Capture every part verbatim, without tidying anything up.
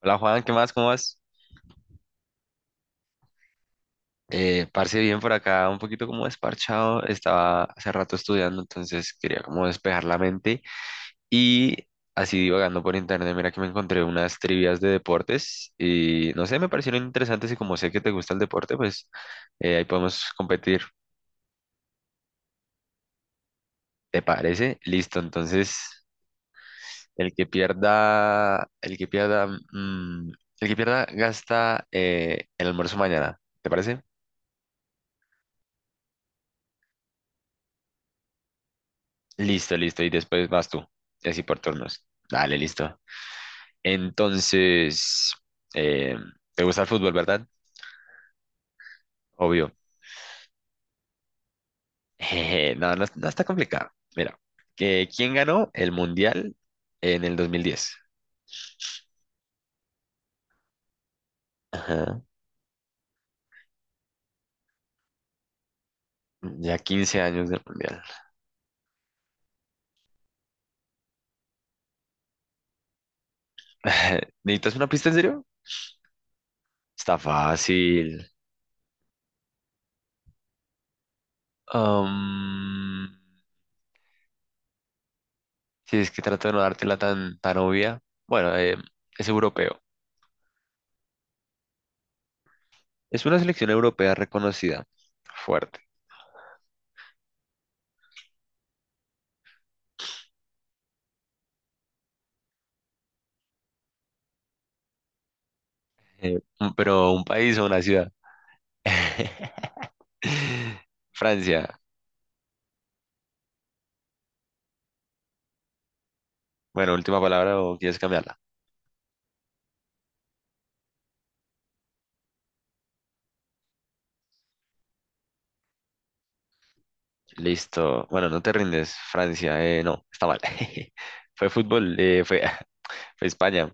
Hola Juan, ¿qué más? ¿Cómo vas? Eh, parce, bien por acá, un poquito como desparchado. Estaba hace rato estudiando, entonces quería como despejar la mente y así divagando por internet. Mira que me encontré unas trivias de deportes y no sé, me parecieron interesantes y como sé que te gusta el deporte, pues eh, ahí podemos competir. ¿Te parece? Listo, entonces el que pierda, el que pierda, mm, el que pierda gasta eh, el almuerzo mañana. ¿Te parece? Listo, listo. Y después vas tú. Y así por turnos. Dale, listo. Entonces, eh, ¿te gusta el fútbol, verdad? Obvio. Jeje, no, no, no está complicado. Mira, que ¿quién ganó el mundial en el dos mil diez? Ajá. Ya quince años del mundial. ¿Necesitas una pista en serio? Está fácil. Am, si es que trato de no dártela tan, tan obvia. Bueno, eh, es europeo. Es una selección europea reconocida, fuerte. Eh, un- pero ¿un país o una ciudad? Francia. Bueno, última palabra, o quieres cambiarla. Listo. Bueno, no te rindes. Francia. Eh, no, está mal. Fue fútbol, eh, fue, fue España.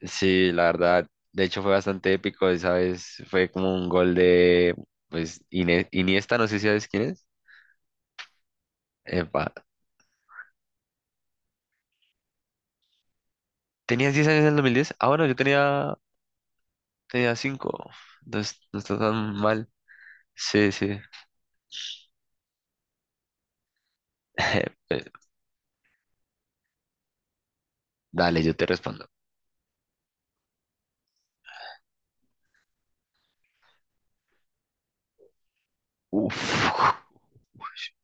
Sí, la verdad. De hecho, fue bastante épico esa vez. Fue como un gol de, pues, Ine- Iniesta, no sé si sabes quién es. Epa. ¿Tenías diez años en el dos mil diez? Ah, bueno, yo tenía, tenía cinco. No, es- no está tan mal. Sí, sí. Dale, yo te respondo. Uf,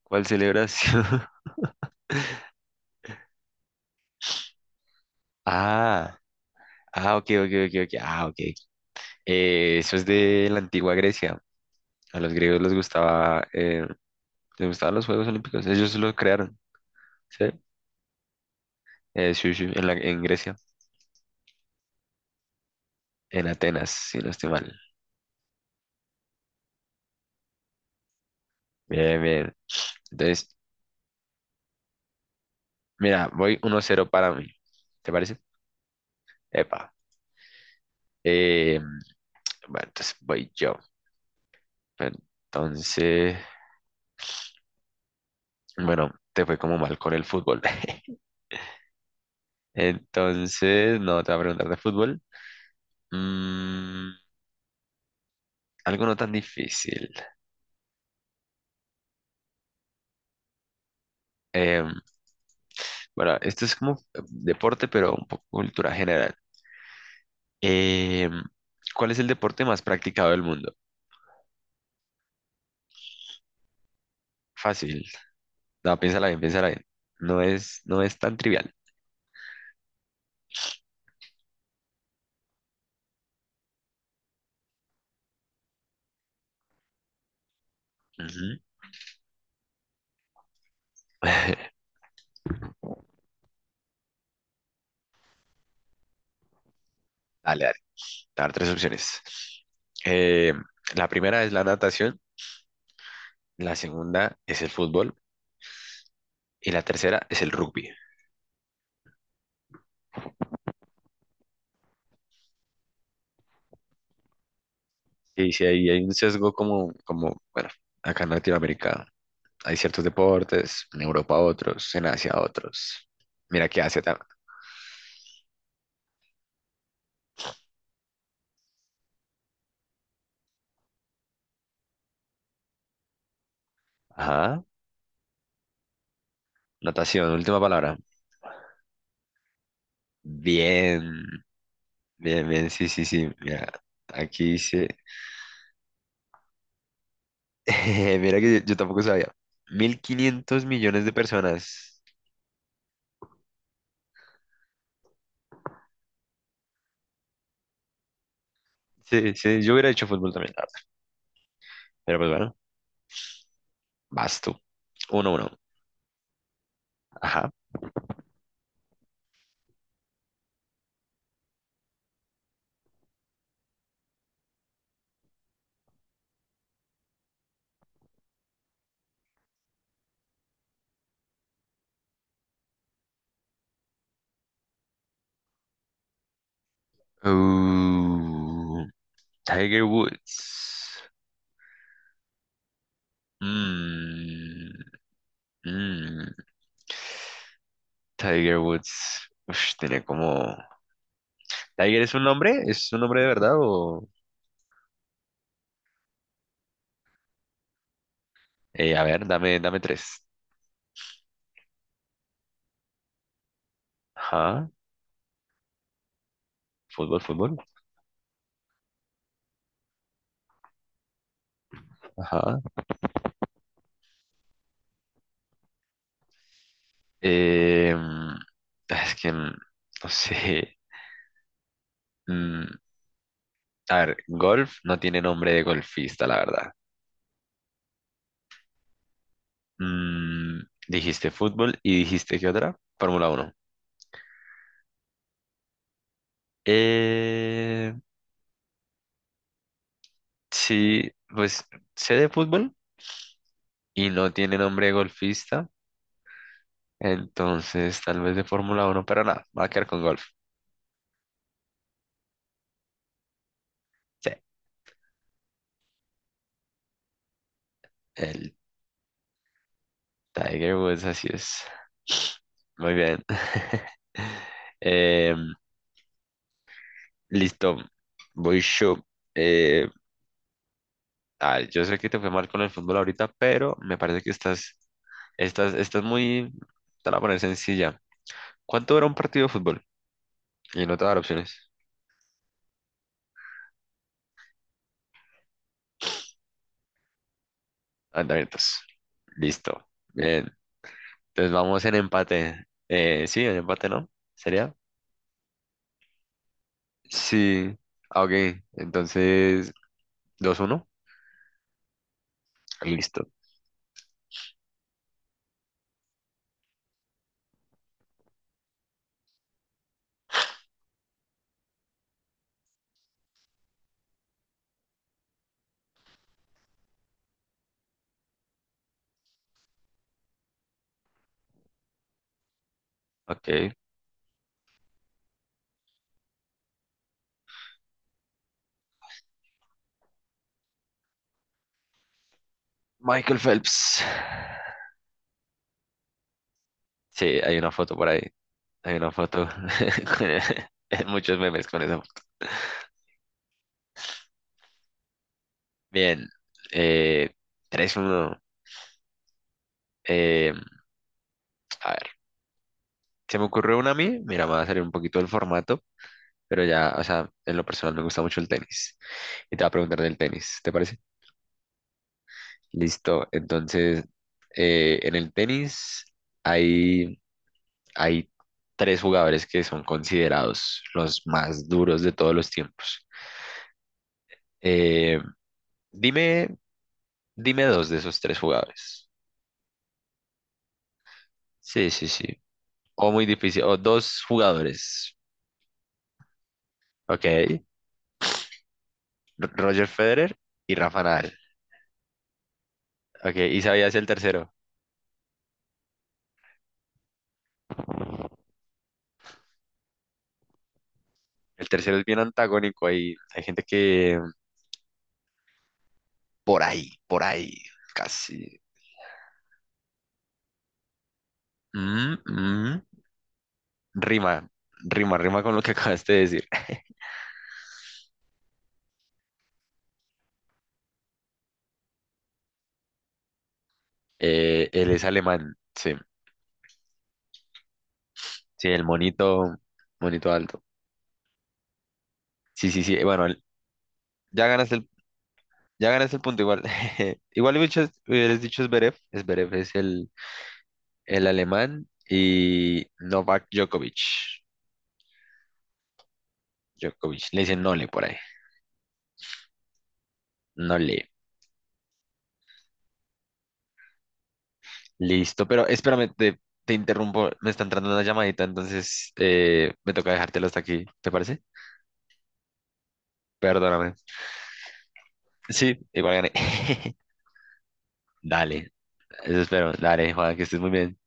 ¿cuál celebración? Ah, ah, ok, ok, ok, ok. Ah, ok. Eh, eso es de la antigua Grecia. A los griegos les gustaba, eh, les gustaban los Juegos Olímpicos. Ellos lo crearon, ¿sí? Eh, sí, sí, en la- en Grecia, en Atenas, si no estoy mal. Bien, bien. Entonces, mira, voy uno cero para mí. ¿Te parece? Epa. Eh, bueno, entonces voy yo. Entonces, bueno, te fue como mal con el fútbol. Entonces, no, te voy a preguntar de fútbol. Mm, algo no tan difícil. Em, bueno, esto es como deporte, pero un poco cultura general. Em, ¿cuál es el deporte más practicado del mundo? Fácil. No, piénsala bien, piénsala bien. No es, no es tan trivial. Ujú. Dale, dale. Te voy a dar tres opciones. Em, la primera es la natación, la segunda es el fútbol y la tercera es el rugby. Sí, sí, ahí hay un sesgo como, como, bueno, acá en Latinoamérica hay ciertos deportes, en Europa otros, en Asia otros. Mira qué Asia también. Ajá, natación, última palabra. Bien, bien, bien, sí, sí, sí. Mira, aquí dice, mira que yo, yo tampoco sabía. Mil quinientos millones de personas. Sí, sí, yo hubiera hecho fútbol también, la verdad. Pero pues bueno, vas tú. Uno, uno. Ajá. Uh, Tiger Woods. Mm, mm, Tiger Woods. Ush, tenía como... ¿Tiger es un nombre? ¿Es un nombre de verdad o...? Eh, a ver, dame, dame tres. Ajá. Fútbol, fútbol. Ajá. Eh, mm, es que... mm, no sé. Mm, a ver, golf no tiene nombre de golfista, la verdad. Mm, dijiste fútbol y dijiste ¿qué otra? Fórmula uno. Eh, sí, pues sé de fútbol y no tiene nombre de golfista. Entonces, tal vez de Fórmula uno, pero nada, va a quedar con golf. Sí, el Tiger Woods, así es. Muy bien. Em, listo, voy yo. Eh, ah, yo sé que te fue mal con el fútbol ahorita, pero me parece que estás, estás, estás muy, te la voy a poner sencilla. ¿Cuánto dura un partido de fútbol? Y no te voy a dar opciones. Andamientos. Listo. Bien. Entonces vamos en empate. Eh, sí, ¿en empate, no? ¿Sería? Sí, ah, ok. Entonces, dos uno. Listo. Ok. Michael Phelps. Sí, hay una foto por ahí. Hay una foto. con- Muchos memes con eso. Bien. Eh, tres uno. Eh, a ver, se me ocurrió una a mí. Mira, me va a salir un poquito del formato, pero ya, o sea, en lo personal me gusta mucho el tenis. Y te va a preguntar del tenis, ¿te parece? Listo. Entonces, eh, en el tenis hay hay tres jugadores que son considerados los más duros de todos los tiempos. Eh, dime, dime dos de esos tres jugadores. Sí, sí, sí. O muy difícil. O dos jugadores. Ok. R- Roger Federer y Rafa Nadal. Ok. Y sabías el tercero. El tercero es bien antagónico. Hay, hay gente que por ahí, por ahí, casi. Mm, mm. Rima, rima, rima con lo que acabaste de decir. Eh, él es alemán. Sí. Sí, el monito, monito alto. Sí, sí, sí. Bueno, el- ya ganas el, ya ganas el punto igual. Igual hubieras hubieras dicho Zverev. Zverev es el, el alemán y Novak Djokovic. Djokovic. Le dicen Nole por ahí. Nole. Listo. Pero espérame, te, te interrumpo. Me está entrando una llamadita, entonces eh, me toca dejártelo hasta aquí. ¿Te parece? Perdóname. Sí, igual gané. Dale. Eso espero. Dale, Juan, que estés muy bien.